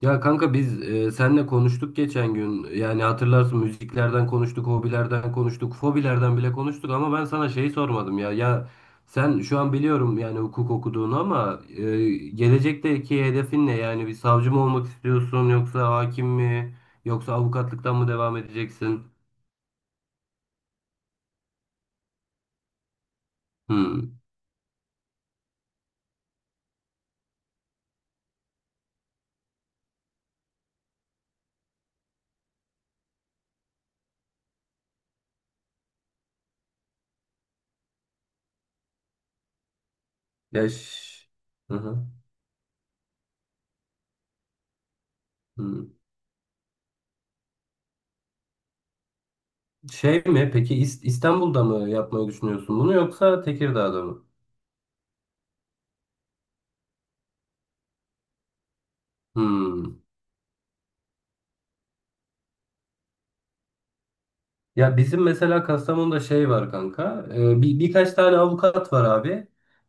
Ya kanka biz senle konuştuk geçen gün. Yani hatırlarsın müziklerden konuştuk, hobilerden konuştuk, fobilerden bile konuştuk ama ben sana şeyi sormadım ya. Ya sen şu an biliyorum yani hukuk okuduğunu ama gelecekteki hedefin ne? Yani bir savcı mı olmak istiyorsun yoksa hakim mi yoksa avukatlıktan mı devam edeceksin? Hmm. Ya ş- Hı hı. Hmm. Şey mi peki İstanbul'da mı yapmayı düşünüyorsun bunu yoksa Tekirdağ'da mı? Hmm. Ya bizim mesela Kastamonu'da şey var kanka. Birkaç tane avukat var abi.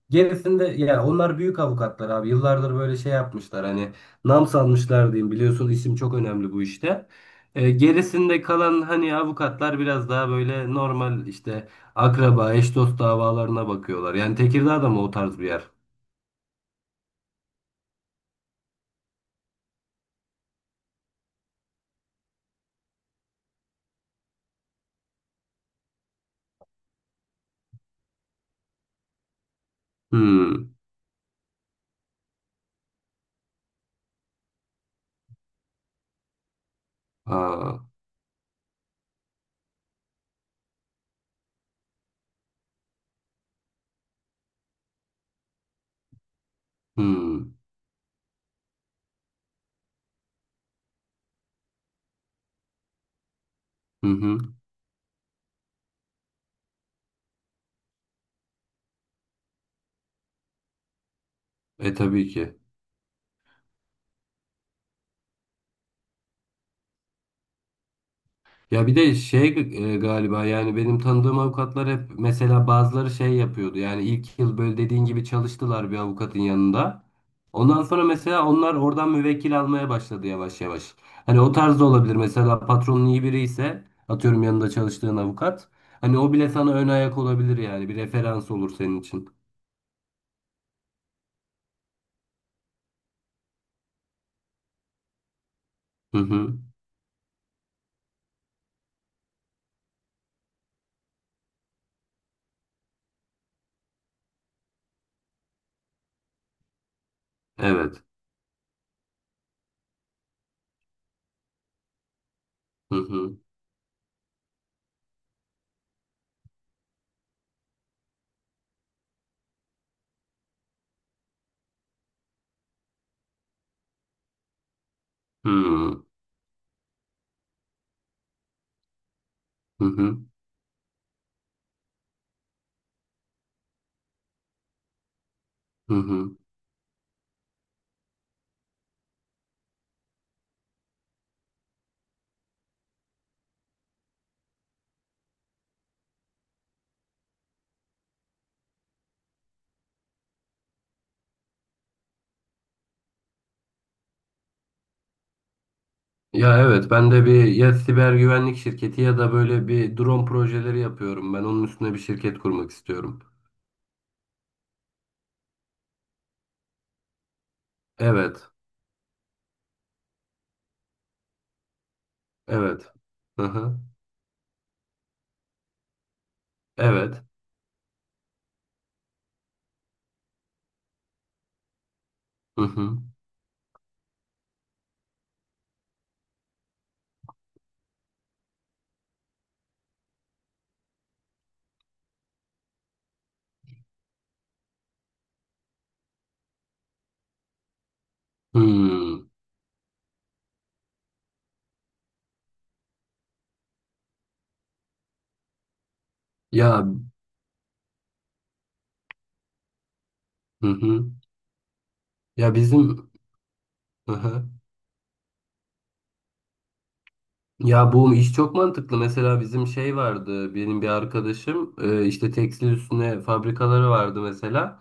Gerisinde ya onlar büyük avukatlar abi. Yıllardır böyle şey yapmışlar hani nam salmışlar diyeyim. Biliyorsun isim çok önemli bu işte. Gerisinde kalan hani avukatlar biraz daha böyle normal işte akraba, eş dost davalarına bakıyorlar. Yani Tekirdağ da mı o tarz bir yer? Hmm. Aa. Hmm. Hı hı. E tabii ki. Ya bir de şey galiba yani benim tanıdığım avukatlar hep mesela bazıları şey yapıyordu. Yani ilk yıl böyle dediğin gibi çalıştılar bir avukatın yanında. Ondan sonra mesela onlar oradan müvekkil almaya başladı yavaş yavaş. Hani o tarz da olabilir. Mesela patronun iyi biri ise atıyorum yanında çalıştığın avukat. Hani o bile sana ön ayak olabilir yani bir referans olur senin için. Hı hı. Evet. Hı hı. Hı hı. Hı hı. Hı hı. Ya evet ben de bir ya siber güvenlik şirketi ya da böyle bir drone projeleri yapıyorum. Ben onun üstüne bir şirket kurmak istiyorum. Evet. Evet. Hı hı. Evet. Hı hı. Hmm. Ya hı hı. Ya bizim hı hı. Ya bu iş çok mantıklı. Mesela bizim şey vardı, benim bir arkadaşım işte tekstil üstüne fabrikaları vardı mesela.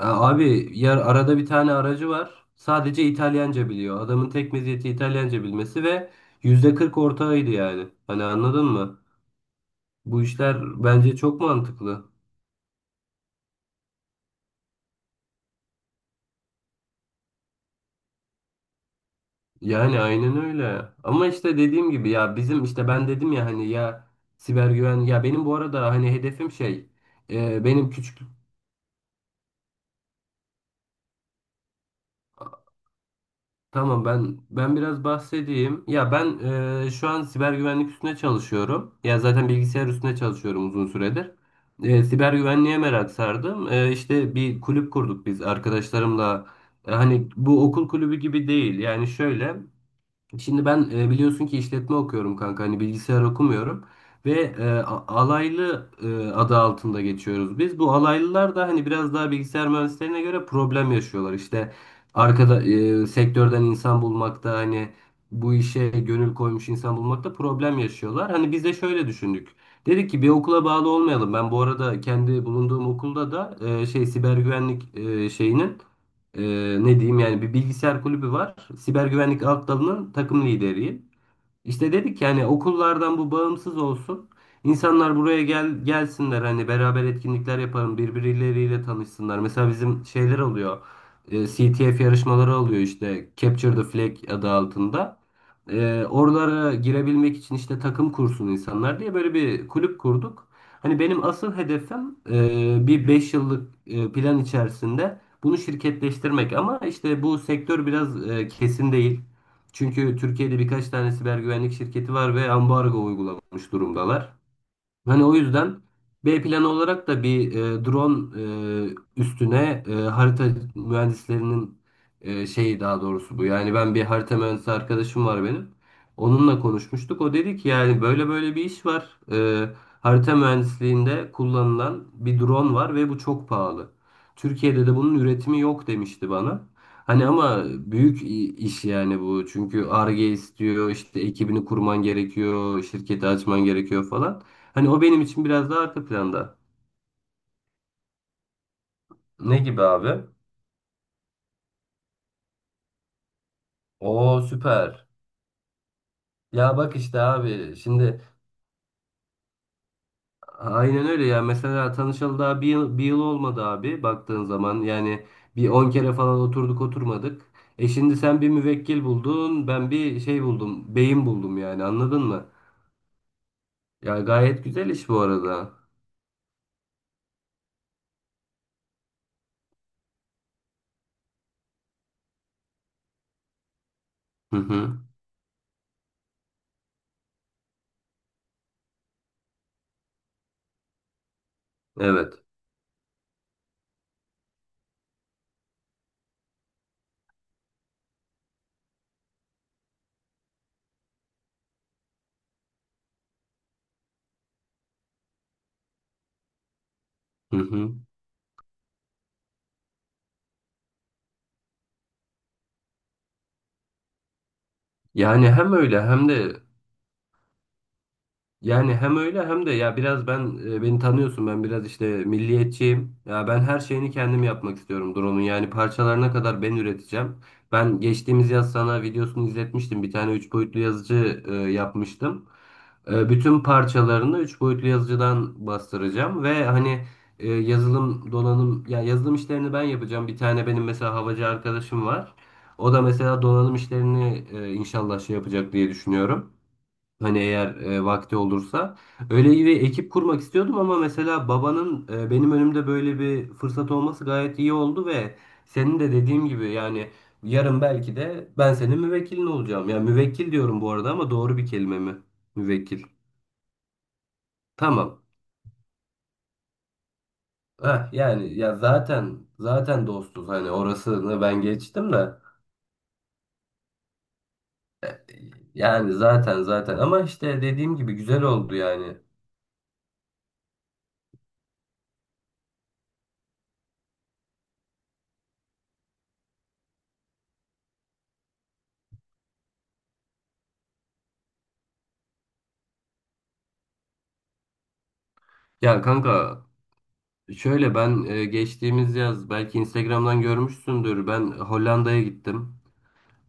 Abi yer arada bir tane aracı var. Sadece İtalyanca biliyor. Adamın tek meziyeti İtalyanca bilmesi ve %40 ortağıydı yani. Hani anladın mı? Bu işler bence çok mantıklı. Yani aynen öyle. Ama işte dediğim gibi ya bizim işte ben dedim ya hani ya siber güven ya benim bu arada hani hedefim şey benim küçük. Tamam ben biraz bahsedeyim. Ya ben şu an siber güvenlik üstüne çalışıyorum. Ya zaten bilgisayar üstüne çalışıyorum uzun süredir. Siber güvenliğe merak sardım. E, işte bir kulüp kurduk biz arkadaşlarımla. Hani bu okul kulübü gibi değil. Yani şöyle. Şimdi ben biliyorsun ki işletme okuyorum kanka hani bilgisayar okumuyorum ve alaylı adı altında geçiyoruz biz. Bu alaylılar da hani biraz daha bilgisayar mühendislerine göre problem yaşıyorlar. İşte arkada sektörden insan bulmakta hani bu işe gönül koymuş insan bulmakta problem yaşıyorlar. Hani biz de şöyle düşündük. Dedik ki bir okula bağlı olmayalım. Ben bu arada kendi bulunduğum okulda da şey siber güvenlik şeyinin e, ne diyeyim yani bir bilgisayar kulübü var. Siber güvenlik alt dalının takım lideriyim. İşte dedik yani okullardan bu bağımsız olsun. İnsanlar buraya gelsinler hani beraber etkinlikler yapalım, birbirleriyle tanışsınlar. Mesela bizim şeyler oluyor. CTF yarışmaları oluyor işte Capture the Flag adı altında. Oralara girebilmek için işte takım kursun insanlar diye böyle bir kulüp kurduk. Hani benim asıl hedefim bir 5 yıllık plan içerisinde bunu şirketleştirmek ama işte bu sektör biraz kesin değil. Çünkü Türkiye'de birkaç tane siber güvenlik şirketi var ve ambargo uygulamış durumdalar. Hani o yüzden B planı olarak da bir drone üstüne harita mühendislerinin şeyi daha doğrusu bu. Yani ben bir harita mühendisi arkadaşım var benim. Onunla konuşmuştuk. O dedi ki yani böyle böyle bir iş var. Harita mühendisliğinde kullanılan bir drone var ve bu çok pahalı. Türkiye'de de bunun üretimi yok demişti bana. Hani ama büyük iş yani bu. Çünkü Ar-Ge istiyor, işte ekibini kurman gerekiyor, şirketi açman gerekiyor falan. Hani o benim için biraz daha arka planda. Ne gibi abi? Oo süper. Ya bak işte abi şimdi aynen öyle ya. Mesela tanışalı daha bir yıl olmadı abi baktığın zaman. Yani bir 10 kere falan oturduk oturmadık. Şimdi sen bir müvekkil buldun, ben bir şey buldum, beyin buldum yani anladın mı? Ya gayet güzel iş bu arada. Hı hı. Evet. Hı hı. Yani hem öyle hem de. Yani hem öyle hem de ya biraz ben beni tanıyorsun ben biraz işte milliyetçiyim. Ya ben her şeyini kendim yapmak istiyorum drone'un. Yani parçalarına kadar ben üreteceğim. Ben geçtiğimiz yaz sana videosunu izletmiştim. Bir tane 3 boyutlu yazıcı yapmıştım. Bütün parçalarını 3 boyutlu yazıcıdan bastıracağım ve hani yazılım donanım ya yazılım işlerini ben yapacağım. Bir tane benim mesela havacı arkadaşım var. O da mesela donanım işlerini inşallah şey yapacak diye düşünüyorum. Hani eğer vakti olursa. Öyle bir ekip kurmak istiyordum ama mesela babanın benim önümde böyle bir fırsat olması gayet iyi oldu ve senin de dediğim gibi yani yarın belki de ben senin müvekkilin olacağım. Ya müvekkil diyorum bu arada ama doğru bir kelime mi? Müvekkil. Tamam. Heh, yani ya zaten dostuz hani orasını ben geçtim de. E, yani zaten ama işte dediğim gibi güzel oldu yani. Ya kanka. Şöyle ben geçtiğimiz yaz belki Instagram'dan görmüşsündür. Ben Hollanda'ya gittim.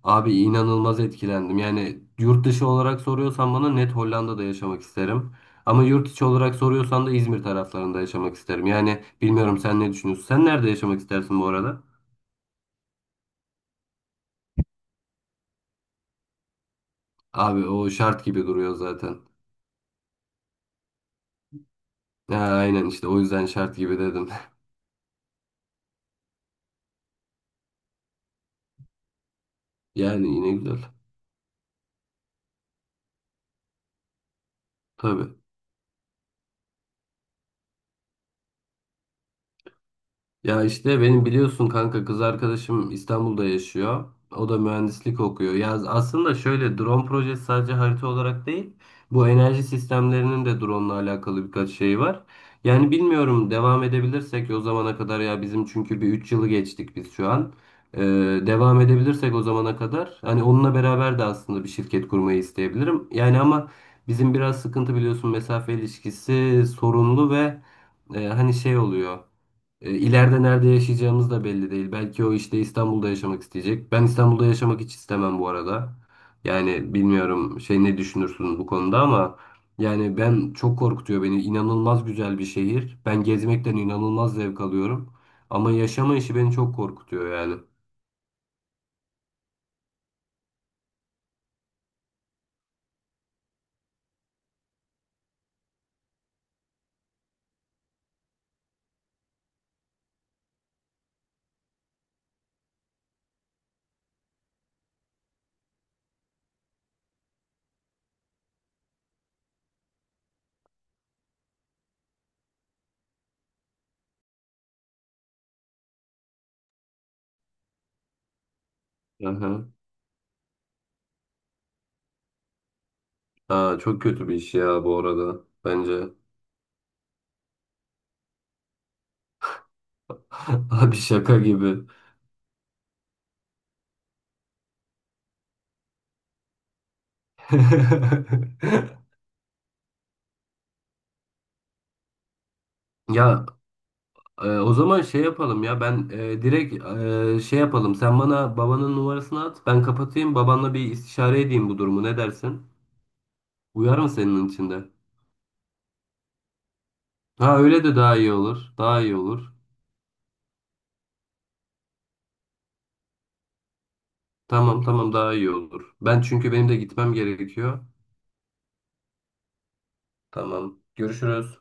Abi inanılmaz etkilendim. Yani yurt dışı olarak soruyorsan bana net Hollanda'da yaşamak isterim. Ama yurt içi olarak soruyorsan da İzmir taraflarında yaşamak isterim. Yani bilmiyorum sen ne düşünüyorsun? Sen nerede yaşamak istersin bu arada? Abi o şart gibi duruyor zaten. Ha, aynen işte o yüzden şart gibi dedim. Yani yine güzel. Tabii. Ya işte benim biliyorsun kanka kız arkadaşım İstanbul'da yaşıyor. O da mühendislik okuyor. Ya aslında şöyle drone projesi sadece harita olarak değil. Bu enerji sistemlerinin de drone'la alakalı birkaç şey var. Yani bilmiyorum devam edebilirsek o zamana kadar ya bizim çünkü bir 3 yılı geçtik biz şu an. Ee, devam edebilirsek o zamana kadar hani onunla beraber de aslında bir şirket kurmayı isteyebilirim. Yani ama bizim biraz sıkıntı biliyorsun mesafe ilişkisi sorunlu ve hani şey oluyor. E, ileride nerede yaşayacağımız da belli değil. Belki o işte İstanbul'da yaşamak isteyecek. Ben İstanbul'da yaşamak hiç istemem bu arada. Yani bilmiyorum şey ne düşünürsün bu konuda ama yani ben çok korkutuyor beni. İnanılmaz güzel bir şehir. Ben gezmekten inanılmaz zevk alıyorum. Ama yaşama işi beni çok korkutuyor yani. Aha. Aa, çok kötü bir iş ya bu arada bence. Abi şaka gibi. Ya O zaman şey yapalım ya ben direkt şey yapalım sen bana babanın numarasını at ben kapatayım babanla bir istişare edeyim bu durumu ne dersin? Uyar mı senin içinde? Ha, öyle de daha iyi olur, daha iyi olur. Tamam tamam, daha iyi olur, ben çünkü benim de gitmem gerekiyor. Tamam, görüşürüz.